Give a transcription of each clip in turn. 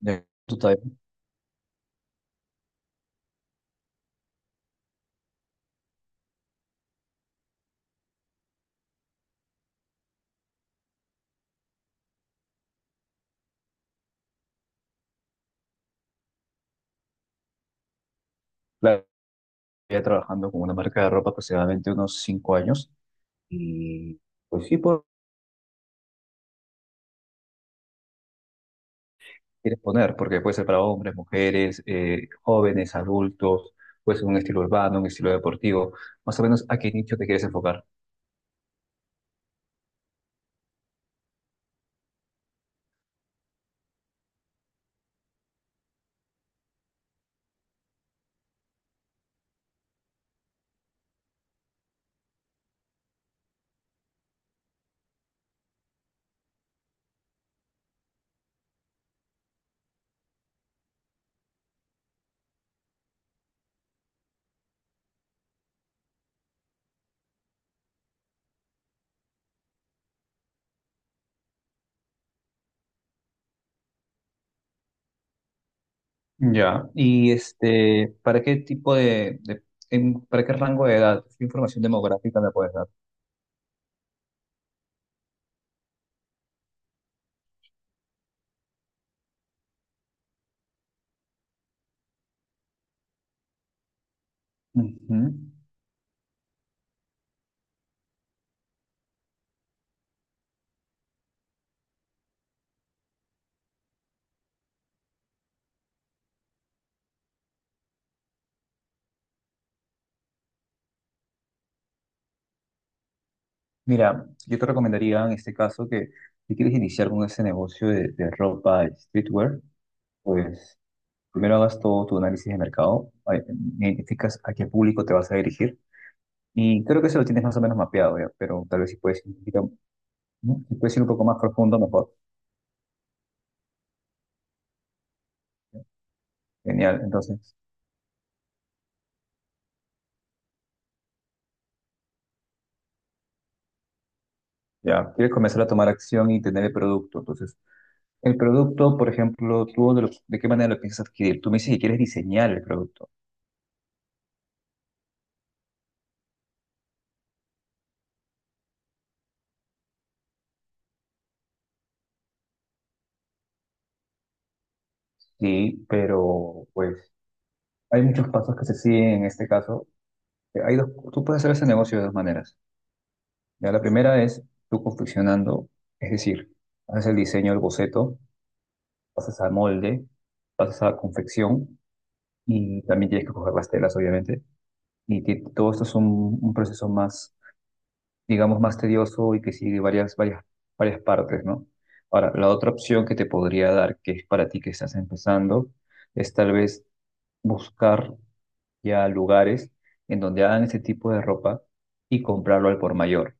Ya, tú estás. Claro, ya trabajando con una marca de ropa aproximadamente unos 5 años y pues sí, quieres poner, porque puede ser para hombres, mujeres, jóvenes, adultos, puede ser un estilo urbano, un estilo deportivo, más o menos a qué nicho te quieres enfocar. Ya. Y este, ¿ para qué rango de edad? ¿Qué información demográfica me puedes dar? Ujú. Mira, yo te recomendaría en este caso que si quieres iniciar con ese negocio de ropa y streetwear, pues primero hagas todo tu análisis de mercado, identificas a qué público te vas a dirigir y creo que eso lo tienes más o menos mapeado ya, pero tal vez si puedes ir un poquito, ¿no? Si puedes ir un poco más profundo, mejor. Genial. Entonces, ya, quieres comenzar a tomar acción y tener el producto. Entonces, el producto, por ejemplo, ¿tú de qué manera lo piensas adquirir? Tú me dices que quieres diseñar el producto. Sí, pero pues hay muchos pasos que se siguen en este caso. Hay dos, tú puedes hacer ese negocio de dos maneras. Ya, la primera es tú confeccionando, es decir, haces el diseño del boceto, pasas al molde, pasas a la confección y también tienes que coger las telas, obviamente. Y todo esto es un proceso más, digamos, más tedioso y que sigue varias partes, ¿no? Ahora, la otra opción que te podría dar, que es para ti que estás empezando, es tal vez buscar ya lugares en donde hagan ese tipo de ropa y comprarlo al por mayor.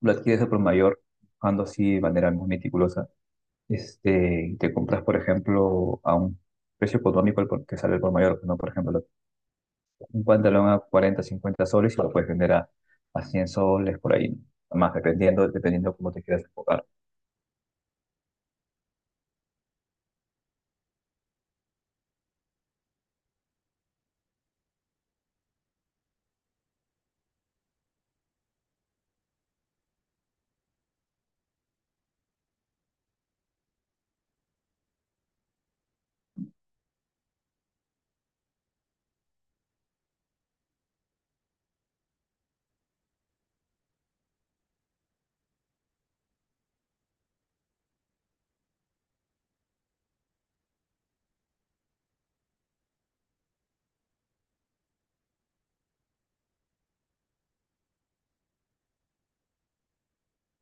Lo adquieres al por mayor, buscando así de manera muy meticulosa. Este, te compras, por ejemplo, a un precio económico que sale el por mayor, ¿no? Por ejemplo, un pantalón a 40 50 soles y lo puedes vender a 100 soles por ahí, ¿no? Más dependiendo, dependiendo cómo te quieras enfocar.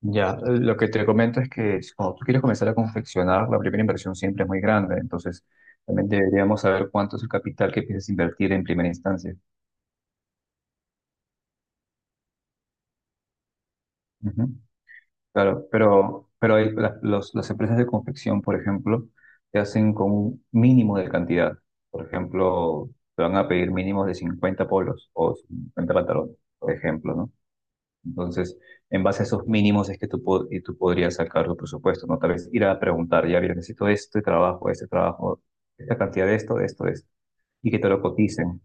Ya, lo que te comento es que cuando tú quieres comenzar a confeccionar, la primera inversión siempre es muy grande, entonces también deberíamos saber cuánto es el capital que piensas invertir en primera instancia. Ujú. Claro, pero hay, las empresas de confección, por ejemplo, te hacen con un mínimo de cantidad. Por ejemplo, te van a pedir mínimos de 50 polos o 50 pantalones, por ejemplo, ¿no? Entonces, en base a esos mínimos es que y tú podrías sacar tu presupuesto, ¿no? Tal vez ir a preguntar, ya, mira, necesito este trabajo, esta cantidad de esto, de esto, de esto, y que te lo coticen.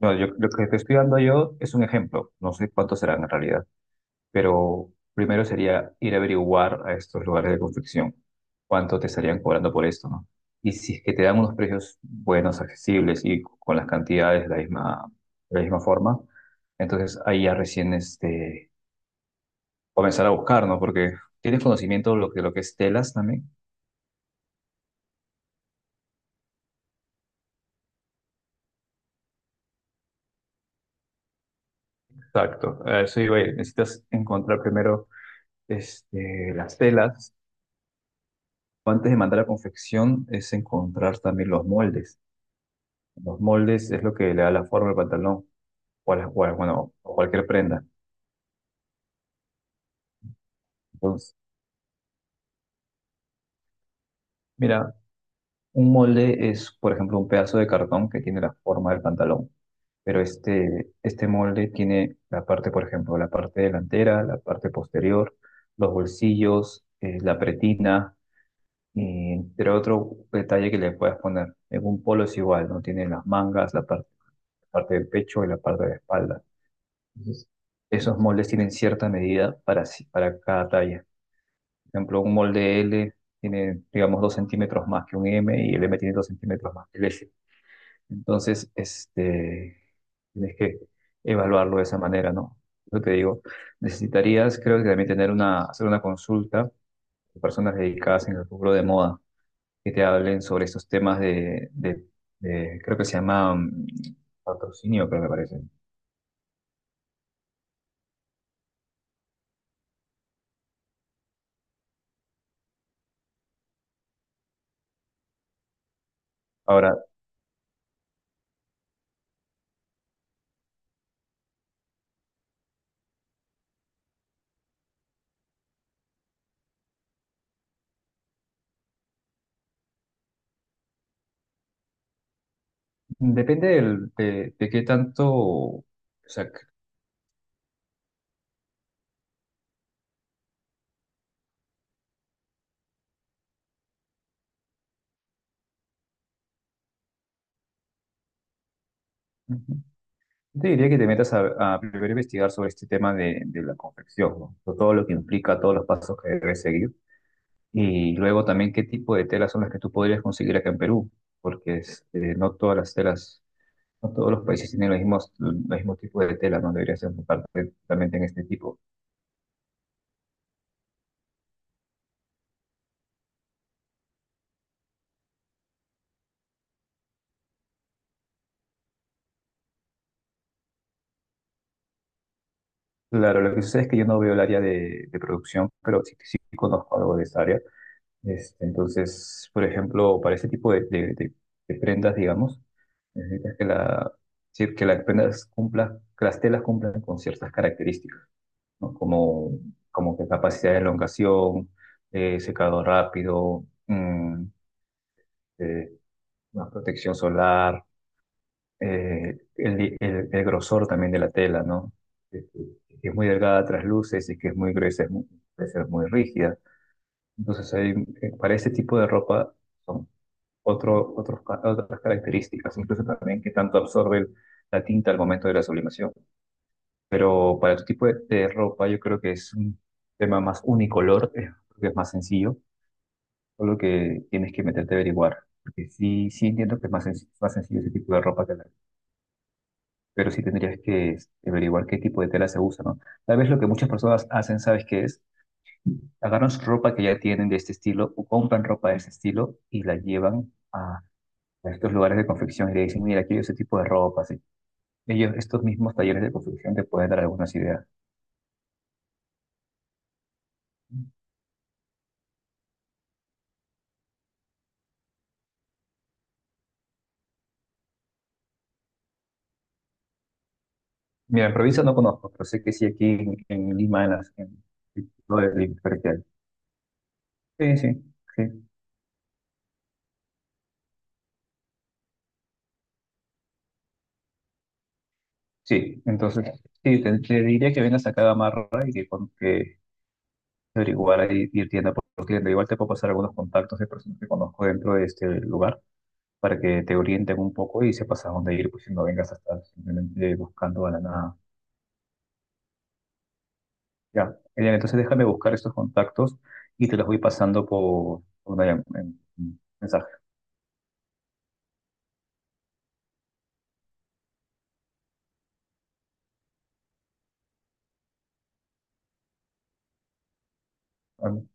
No, yo, lo que te estoy dando yo es un ejemplo, no sé cuántos serán en realidad, pero primero sería ir a averiguar a estos lugares de confección cuánto te estarían cobrando por esto, ¿no? Y si es que te dan unos precios buenos, accesibles y con las cantidades de la misma forma, entonces ahí ya recién este, comenzar a buscar, ¿no? Porque tienes conocimiento lo que es telas también. Exacto, a eso iba a ir. Necesitas encontrar primero este, las telas. Antes de mandar a confección es encontrar también los moldes. Los moldes es lo que le da la forma al pantalón, o a las- o- a- bueno, o cualquier prenda. Entonces, mira, un molde es, por ejemplo, un pedazo de cartón que tiene la forma del pantalón, pero este molde tiene la parte, por ejemplo, la parte delantera, la parte posterior, los bolsillos, la pretina, y entre otro detalle que le puedas poner. En un polo es igual, ¿no? Tiene las mangas, la parte, parte del pecho y la parte de la espalda. Entonces, esos moldes tienen cierta medida para, para cada talla. Por ejemplo, un molde L tiene, digamos, 2 centímetros más que un M y el M tiene 2 centímetros más que el S. Entonces, este, tienes que evaluarlo de esa manera, ¿no? Yo te digo, necesitarías, creo que también tener una, hacer una consulta de personas dedicadas en el rubro de moda que te hablen sobre estos temas creo que se llama patrocinio, creo que me parece. Ahora, depende de qué tanto, o sea, yo te diría que te metas a primero investigar sobre este tema de la confección, ¿no? Sobre todo lo que implica, todos los pasos que debes seguir. Y luego también qué tipo de telas son las que tú podrías conseguir acá en Perú, porque este, no todas las telas, no todos los países tienen los mismos tipos de telas, no deberías enfocarte totalmente en este tipo. Claro, lo que sucede es que yo no veo el área de producción, pero sí, sí conozco algo de esa área. Este, entonces, por ejemplo, para este tipo de prendas, digamos, necesitas que sí, que las prendas cumplan, que las telas cumplan con ciertas características, ¿no? Como que capacidad de elongación, secado rápido, eh, más protección solar, el grosor también de la tela, ¿no? Si es que es muy delgada, trasluce, si es que es muy gruesa, puede ser muy rígida. Entonces, para este tipo de ropa, son otro, otros otras características, incluso también que tanto absorbe la tinta al momento de la sublimación. Pero para tu tipo de ropa, yo creo que es un tema más unicolor, porque es más sencillo, solo que tienes que meterte a averiguar. Porque sí, sí entiendo que es más sencillo ese tipo de ropa que la, pero sí tendrías que este, averiguar qué tipo de tela se usa, ¿no? Tal vez lo que muchas personas hacen, ¿sabes qué es? Agarran su ropa que ya tienen de este estilo o compran ropa de este estilo y la llevan a estos lugares de confección y le dicen, mira, quiero ese tipo de ropa así. Ellos, estos mismos talleres de confección te pueden dar algunas ideas. Mira, en provincia no conozco, pero sé que sí aquí en Lima, en las, en todo el Imperio que hay. Sí, sí, sí. Sí, entonces, sí, te diría que vengas acá a Gamarra y que, que averiguar ahí, ir tienda por tienda. Igual te puedo pasar algunos contactos de personas que conozco dentro de este lugar para que te orienten un poco y sepas a dónde ir, pues si no vengas a estar simplemente buscando a la nada. Ya, Elian, entonces déjame buscar estos contactos y te los voy pasando por en mensaje. ¿Vale?